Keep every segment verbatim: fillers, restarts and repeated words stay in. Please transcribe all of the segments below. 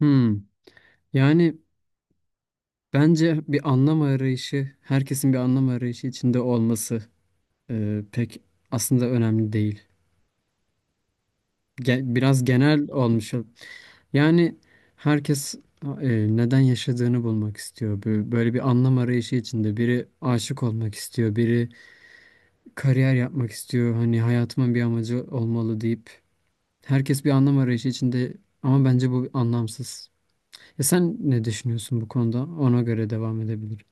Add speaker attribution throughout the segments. Speaker 1: Hmm. Yani bence bir anlam arayışı, herkesin bir anlam arayışı içinde olması e, pek aslında önemli değil. Ge- biraz genel olmuş. Yani herkes e, neden yaşadığını bulmak istiyor. Bö- Böyle bir anlam arayışı içinde. Biri aşık olmak istiyor, biri kariyer yapmak istiyor. Hani hayatımın bir amacı olmalı deyip herkes bir anlam arayışı içinde, ama bence bu anlamsız. Ya sen ne düşünüyorsun bu konuda? Ona göre devam edebiliriz.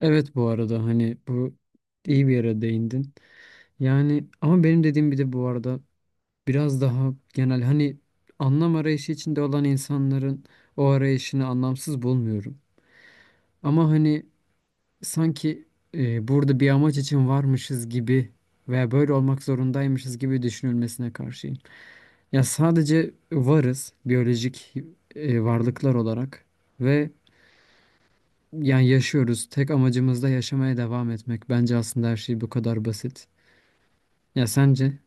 Speaker 1: Evet, bu arada hani bu iyi bir yere değindin. Yani ama benim dediğim, bir de bu arada biraz daha genel, hani anlam arayışı içinde olan insanların o arayışını anlamsız bulmuyorum. Ama hani sanki e, burada bir amaç için varmışız gibi veya böyle olmak zorundaymışız gibi düşünülmesine karşıyım. Ya sadece varız, biyolojik e, varlıklar olarak ve yani yaşıyoruz. Tek amacımız da yaşamaya devam etmek. Bence aslında her şey bu kadar basit. Ya sence?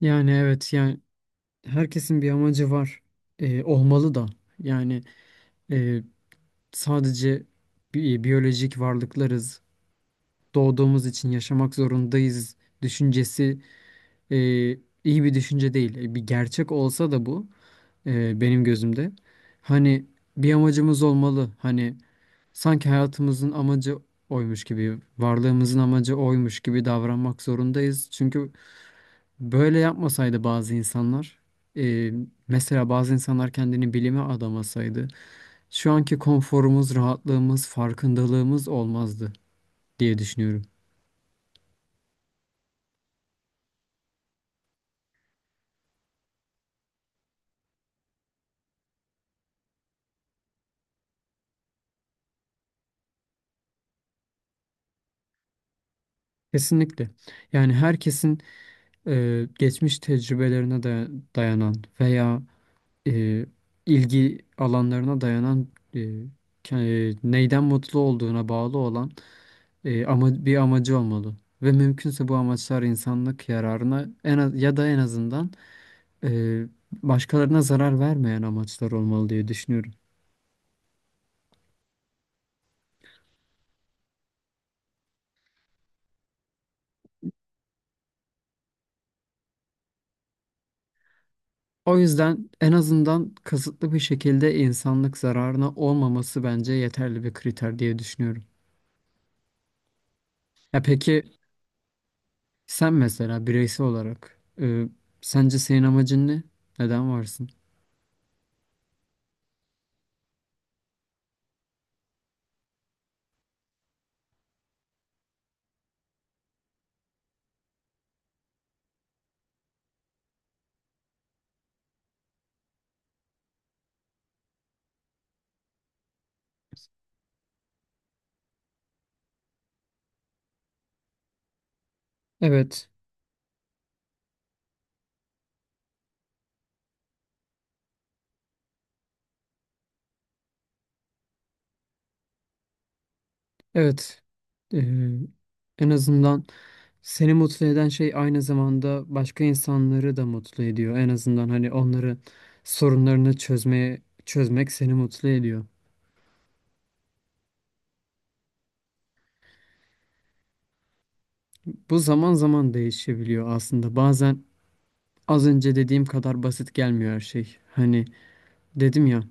Speaker 1: Yani evet, yani herkesin bir amacı var. Ee, olmalı da. Yani e, sadece bi- biyolojik varlıklarız. Doğduğumuz için yaşamak zorundayız düşüncesi e, iyi bir düşünce değil. E, bir gerçek olsa da bu, e, benim gözümde. Hani bir amacımız olmalı. Hani sanki hayatımızın amacı oymuş gibi, varlığımızın amacı oymuş gibi davranmak zorundayız. Çünkü böyle yapmasaydı bazı insanlar, e, mesela bazı insanlar kendini bilime adamasaydı, şu anki konforumuz, rahatlığımız, farkındalığımız olmazdı diye düşünüyorum. Kesinlikle. Yani herkesin e, geçmiş tecrübelerine daya- dayanan veya e, ilgi alanlarına dayanan, e, ke- neyden mutlu olduğuna bağlı olan, e, ama bir amacı olmalı. Ve mümkünse bu amaçlar insanlık yararına, en az, ya da en azından e, başkalarına zarar vermeyen amaçlar olmalı diye düşünüyorum. O yüzden en azından kasıtlı bir şekilde insanlık zararına olmaması bence yeterli bir kriter diye düşünüyorum. Ya peki, sen mesela bireysel olarak, e, sence senin amacın ne? Neden varsın? Evet, evet. E, en azından seni mutlu eden şey aynı zamanda başka insanları da mutlu ediyor. En azından hani onların sorunlarını çözmeye çözmek seni mutlu ediyor. Bu zaman zaman değişebiliyor aslında. Bazen az önce dediğim kadar basit gelmiyor her şey. Hani dedim ya,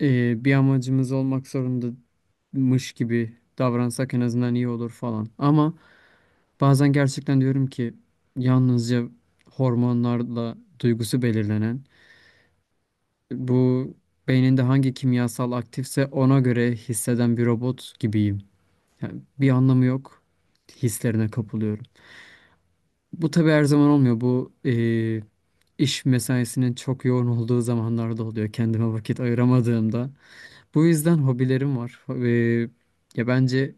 Speaker 1: e, bir amacımız olmak zorundamış gibi davransak en azından iyi olur falan. Ama bazen gerçekten diyorum ki yalnızca hormonlarla duygusu belirlenen, bu beyninde hangi kimyasal aktifse ona göre hisseden bir robot gibiyim. Yani bir anlamı yok. Hislerine kapılıyorum. Bu tabii her zaman olmuyor. Bu eee, iş mesaisinin çok yoğun olduğu zamanlarda oluyor. Kendime vakit ayıramadığımda. Bu yüzden hobilerim var. Ho- ya bence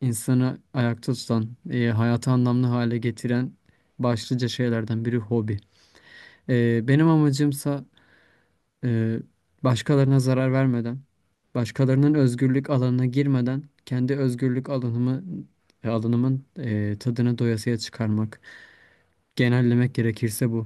Speaker 1: insanı ayakta tutan, eee, hayatı anlamlı hale getiren başlıca şeylerden biri hobi. Eee, benim amacımsa eee, başkalarına zarar vermeden, başkalarının özgürlük alanına girmeden kendi özgürlük alanımı alanımın eee, tadını doyasıya çıkarmak. Genellemek gerekirse bu.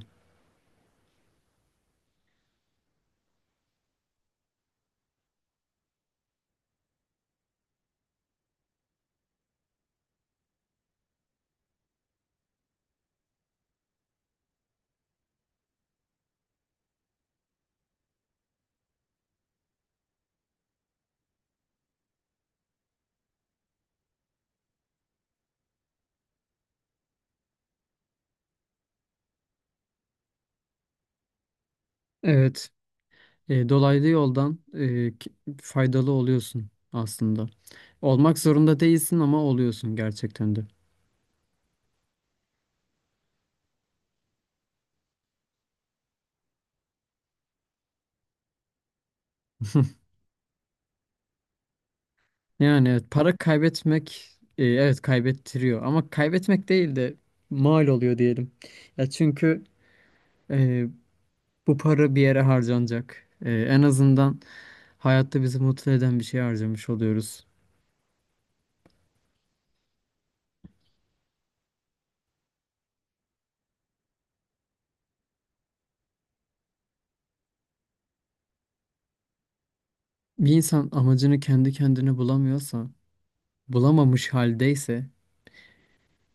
Speaker 1: Evet. E, dolaylı yoldan, e, k- faydalı oluyorsun aslında. Olmak zorunda değilsin, ama oluyorsun gerçekten de. Yani evet, para kaybetmek, e, evet, kaybettiriyor, ama kaybetmek değil de mal oluyor diyelim. Ya çünkü e, bu para bir yere harcanacak. E, en azından hayatta bizi mutlu eden bir şey harcamış oluyoruz. Bir insan amacını kendi kendine bulamıyorsa, bulamamış haldeyse,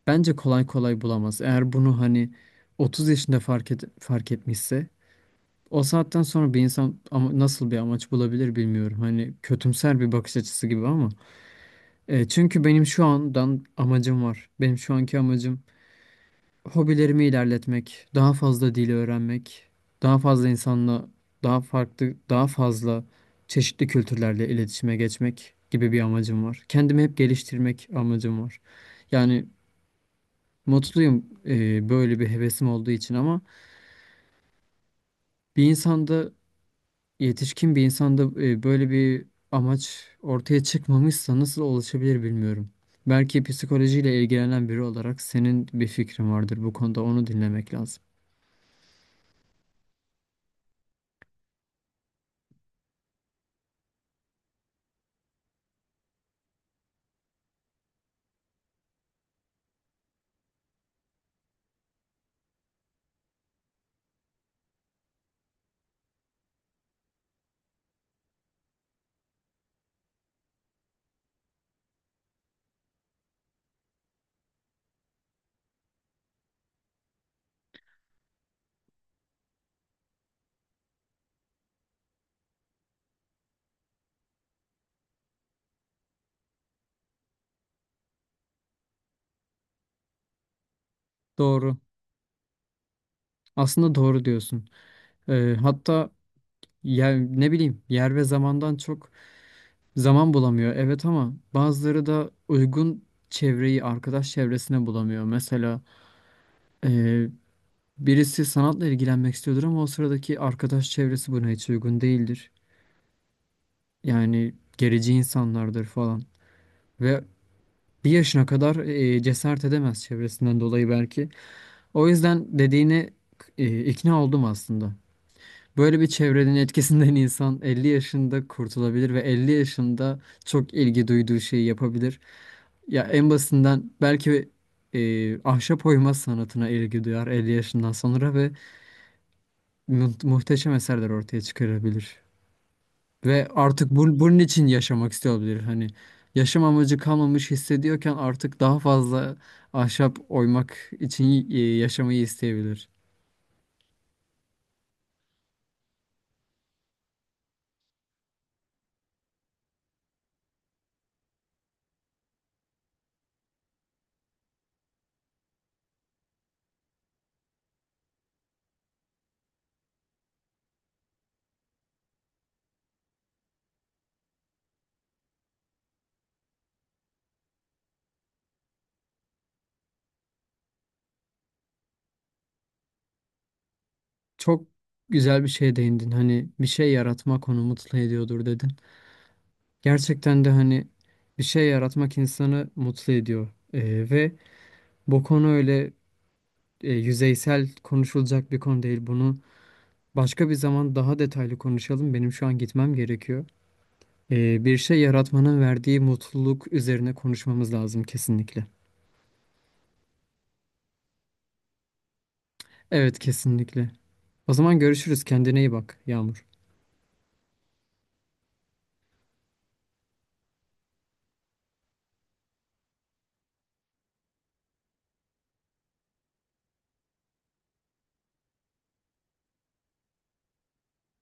Speaker 1: bence kolay kolay bulamaz. Eğer bunu hani otuz yaşında fark et, fark etmişse, o saatten sonra bir insan ama nasıl bir amaç bulabilir bilmiyorum. Hani kötümser bir bakış açısı gibi, ama E, çünkü benim şu andan amacım var. Benim şu anki amacım hobilerimi ilerletmek, daha fazla dili öğrenmek, daha fazla insanla daha farklı, daha fazla çeşitli kültürlerle iletişime geçmek gibi bir amacım var. Kendimi hep geliştirmek amacım var. Yani mutluyum e, böyle bir hevesim olduğu için, ama bir insanda yetişkin bir insanda e, böyle bir amaç ortaya çıkmamışsa nasıl ulaşabilir bilmiyorum. Belki psikolojiyle ilgilenen biri olarak senin bir fikrin vardır bu konuda, onu dinlemek lazım. Doğru. Aslında doğru diyorsun. E, hatta yer, ne bileyim, yer ve zamandan çok zaman bulamıyor. Evet, ama bazıları da uygun çevreyi, arkadaş çevresine bulamıyor. Mesela ee, birisi sanatla ilgilenmek istiyordur ama o sıradaki arkadaş çevresi buna hiç uygun değildir. Yani gerici insanlardır falan. Ve bir yaşına kadar e, cesaret edemez çevresinden dolayı belki. O yüzden dediğine e, ikna oldum aslında. Böyle bir çevrenin etkisinden insan elli yaşında kurtulabilir ve elli yaşında çok ilgi duyduğu şeyi yapabilir. Ya en basitinden belki e, ahşap oyma sanatına ilgi duyar elli yaşından sonra ve mu- muhteşem eserler ortaya çıkarabilir. Ve artık bu, bunun için yaşamak istiyor olabilir. Hani yaşam amacı kalmamış hissediyorken artık daha fazla ahşap oymak için e, yaşamayı isteyebilir. Çok güzel bir şeye değindin. Hani bir şey yaratmak onu mutlu ediyordur dedin. Gerçekten de hani bir şey yaratmak insanı mutlu ediyor. E, ve bu konu öyle e, yüzeysel konuşulacak bir konu değil. Bunu başka bir zaman daha detaylı konuşalım. Benim şu an gitmem gerekiyor. Ee, bir şey yaratmanın verdiği mutluluk üzerine konuşmamız lazım kesinlikle. Evet, kesinlikle. O zaman görüşürüz. Kendine iyi bak, Yağmur.